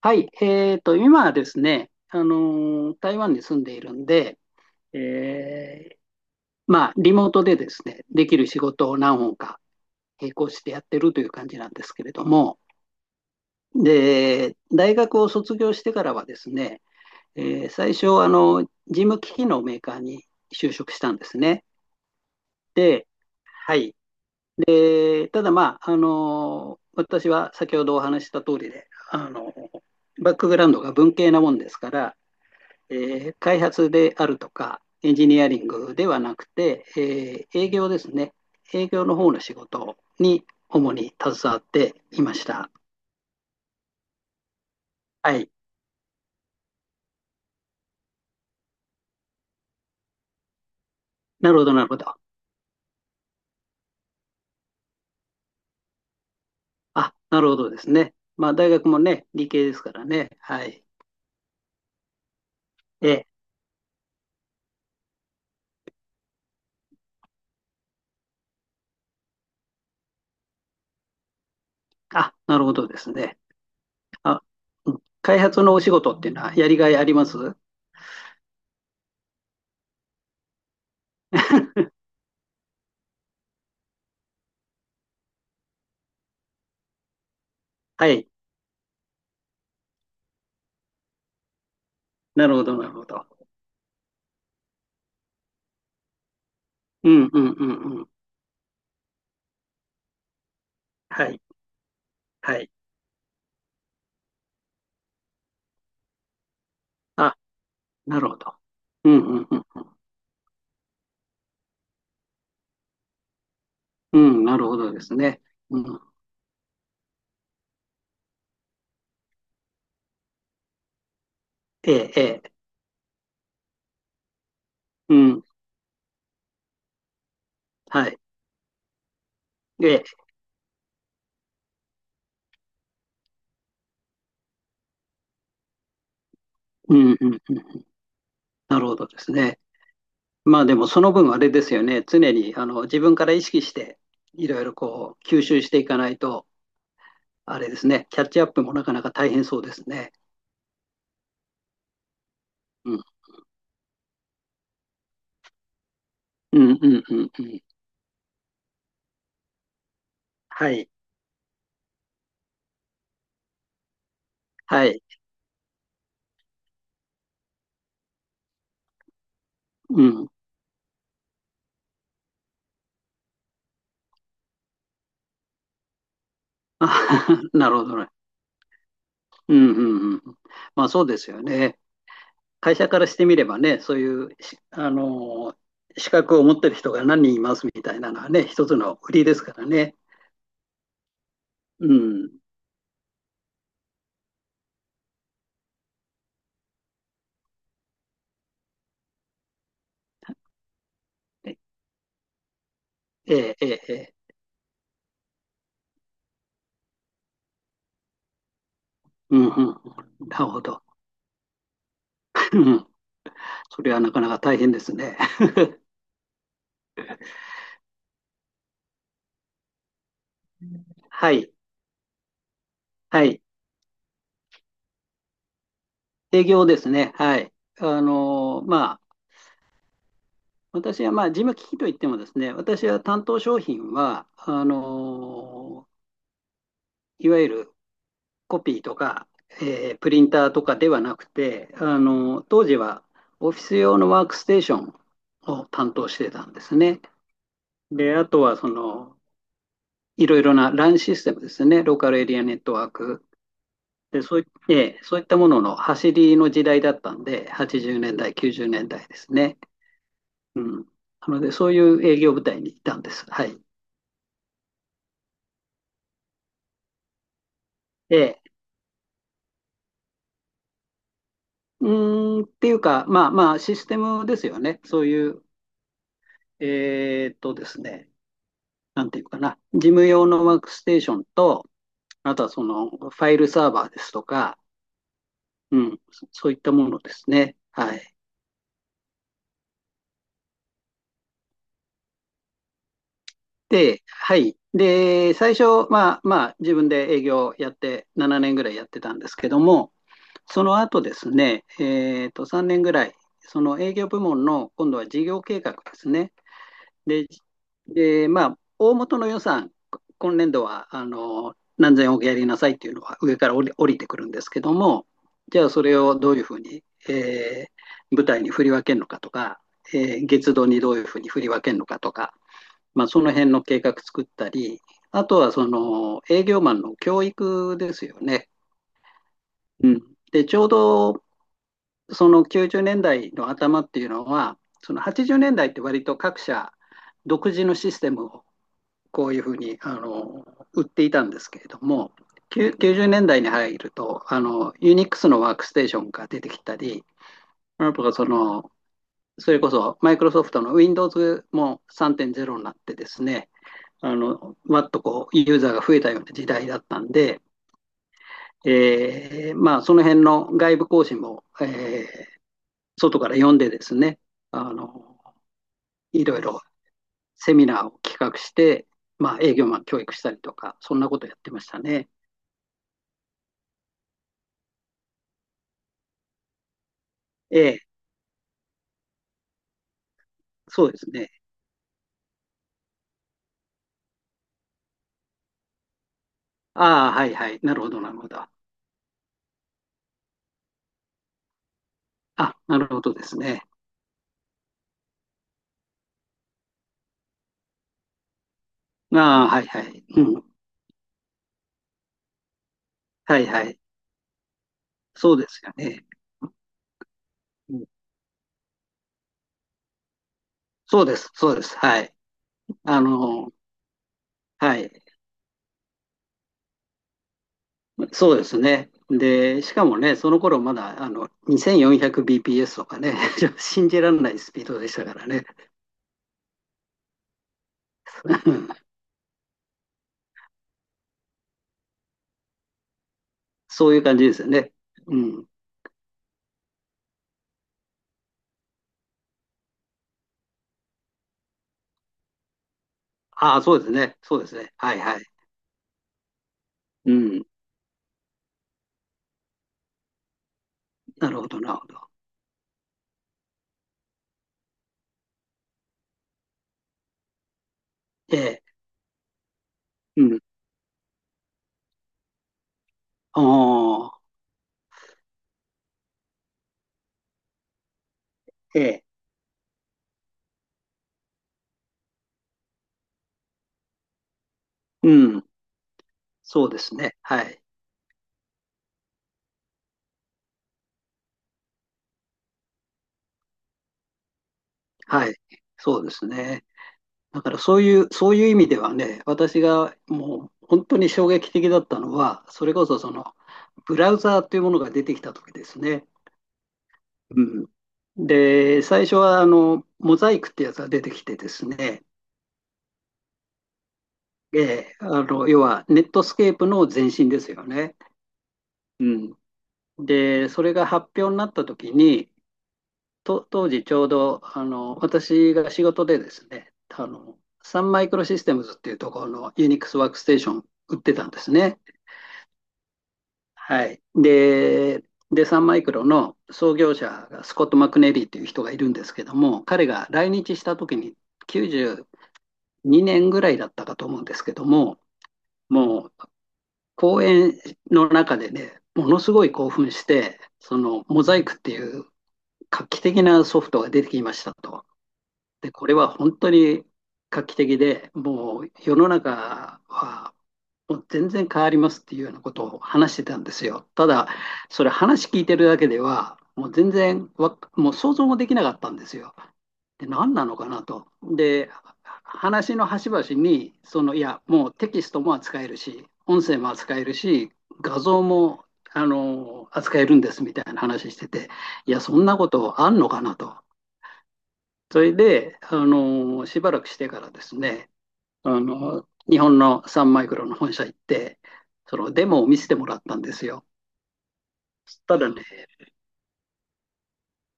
はい、今はですね、台湾に住んでいるんで、えーまあ、リモートでですね、できる仕事を何本か並行してやってるという感じなんですけれども、で、大学を卒業してからはですね、え最初、事務機器のメーカーに就職したんですね。で、はい、ただまあ、私は先ほどお話しした通りで、バックグラウンドが文系なもんですから、え開発であるとか、エンジニアリングではなくて、営業ですね。営業の方の仕事に主に携わっていました。はい。なるほど、なるほど。あ、なるほどですね。まあ、大学もね、理系ですからね。はい。えあ、なるほどですね。あ、うん、開発のお仕事っていうのはやりがいあります？ はい。なるほど、なるほど。うんうんうんうん。はい。はい。あ、なるほど。うんうんうん。うん、なるほどですね。うん、ええ、ええ、うん、はい。ええ、うん、うん、うん。なるほどですね。まあでもその分あれですよね。常にあの自分から意識していろいろこう吸収していかないと、あれですね。キャッチアップもなかなか大変そうですね。うん、うん、うん、うん、うん。はい、はい、うん。あ、 なるほどね。うん、うん、うん。まあそうですよね。会社からしてみればね、そういうし、資格を持ってる人が何人いますみたいなのはね、一つの売りですからね。うん。ええ、ええ、ええ、うんうん。なるほど。うん、それはなかなか大変ですね。はい、はい。営業ですね。はい。あの、まあ、私は、まあ、事務機器といってもですね、私は担当商品は、いわゆるコピーとか、プリンターとかではなくて、当時はオフィス用のワークステーションを担当してたんですね。で、あとは、いろいろなランシステムですね、ローカルエリアネットワークで、そうい、ええそういったものの走りの時代だったんで、80年代、90年代ですね。うん。なので、そういう営業部隊にいたんです。はい。ええうっていうか、まあまあ、システムですよね。そういう、ですね、なんていうかな、事務用のワークステーションと、あとはそのファイルサーバーですとか、うん、そういったものですね。はい。で、はい。で、最初、まあまあ、自分で営業やって、7年ぐらいやってたんですけども、その後ですね、3年ぐらい、その営業部門の今度は事業計画ですね。で、で、まあ、大元の予算、今年度はあの何千億やりなさいっていうのは上から降りてくるんですけども、じゃあそれをどういうふうに、舞台に振り分けるのかとか、月度にどういうふうに振り分けるのかとか、まあ、その辺の計画作ったり、あとはその営業マンの教育ですよね。うん、でちょうどその90年代の頭っていうのは、その80年代って割と各社独自のシステムをこういうふうに売っていたんですけれども、90年代に入ると、ユニックスのワークステーションが出てきたり、その、それこそマイクロソフトの Windows も3.0になってですね、わっとこう、ユーザーが増えたような時代だったんで、まあ、その辺の外部更新も、外から読んでですね、あの、いろいろセミナーを企画して、まあ、営業マン教育したりとか、そんなことやってましたね。ええ、そうですね。ああ、はいはい。なるほど、なるほど。あ、なるほどですね。ああ、はいはい。うん。はいはい。そうですよね。うん、そうです、そうです。はい。あの、はい。そうですね。で、しかもね、その頃まだあの 2400bps とかね、信じられないスピードでしたからね。そういう感じですよね。うん。ああ、そうですね。そうですね。はいはい。うん。なるほど、なるほど。ええ、うん。ああ、ええ、うん。そうですね。はい。はい。そうですね。だからそういう意味ではね、私がもう本当に衝撃的だったのは、それこそブラウザーというものが出てきた時ですね。うん。で、最初はモザイクってやつが出てきてですね、ええ、要はネットスケープの前身ですよね。うん。で、それが発表になった時に、当時ちょうど、私が仕事でですね、サンマイクロシステムズっていうところのユニックスワークステーション売ってたんですね。はい。で、サンマイクロの創業者がスコット・マクネリーっていう人がいるんですけども、彼が来日した時に92年ぐらいだったかと思うんですけども、もう講演の中でね、ものすごい興奮して、そのモザイクっていう画期的なソフトが出てきましたと。で、これは本当に画期的で、もう世の中はもう全然変わりますっていうようなことを話してたんですよ。ただ、それ話聞いてるだけでは、もう全然わ、もう想像もできなかったんですよ。で、何なのかなと。で、話の端々に、いや、もうテキストも扱えるし、音声も扱えるし、画像も、扱えるんですみたいな話してて、いや、そんなことあんのかなと。それで、しばらくしてからですね、日本のサンマイクロの本社行って、そのデモを見せてもらったんですよ。ただね、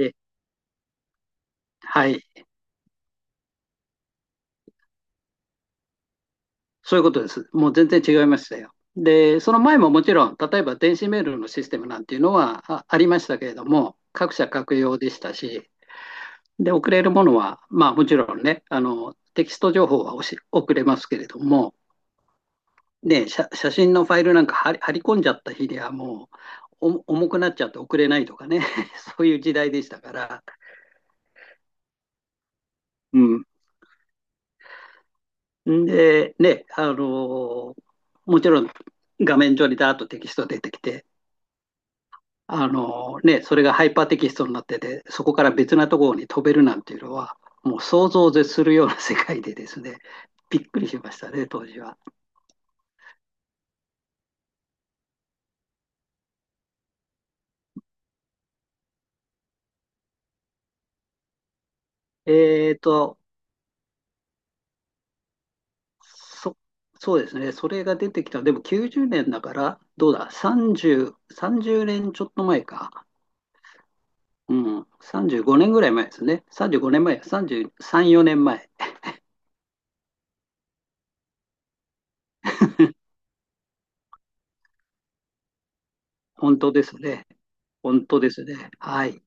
え、はい、そういうことです。もう全然違いましたよ。で、その前ももちろん、例えば電子メールのシステムなんていうのはありましたけれども、各社各用でしたし、で、送れるものは、まあもちろんね、テキスト情報は送れますけれども、ね、写真のファイルなんか貼り込んじゃった日にはもう重くなっちゃって送れないとかね、そういう時代でしたから。うん。で、ね、ーもちろん画面上にダーッとテキスト出てきて、ね、それがハイパーテキストになってて、そこから別なところに飛べるなんていうのは、もう想像を絶するような世界でですね、びっくりしましたね、当時は。えーと、そ、そうですね。それが出てきた。でも90年だから、どうだ、30年ちょっと前か。うん、35年ぐらい前ですね。35年前、33、4年前。本当ですね。本当ですね。はい。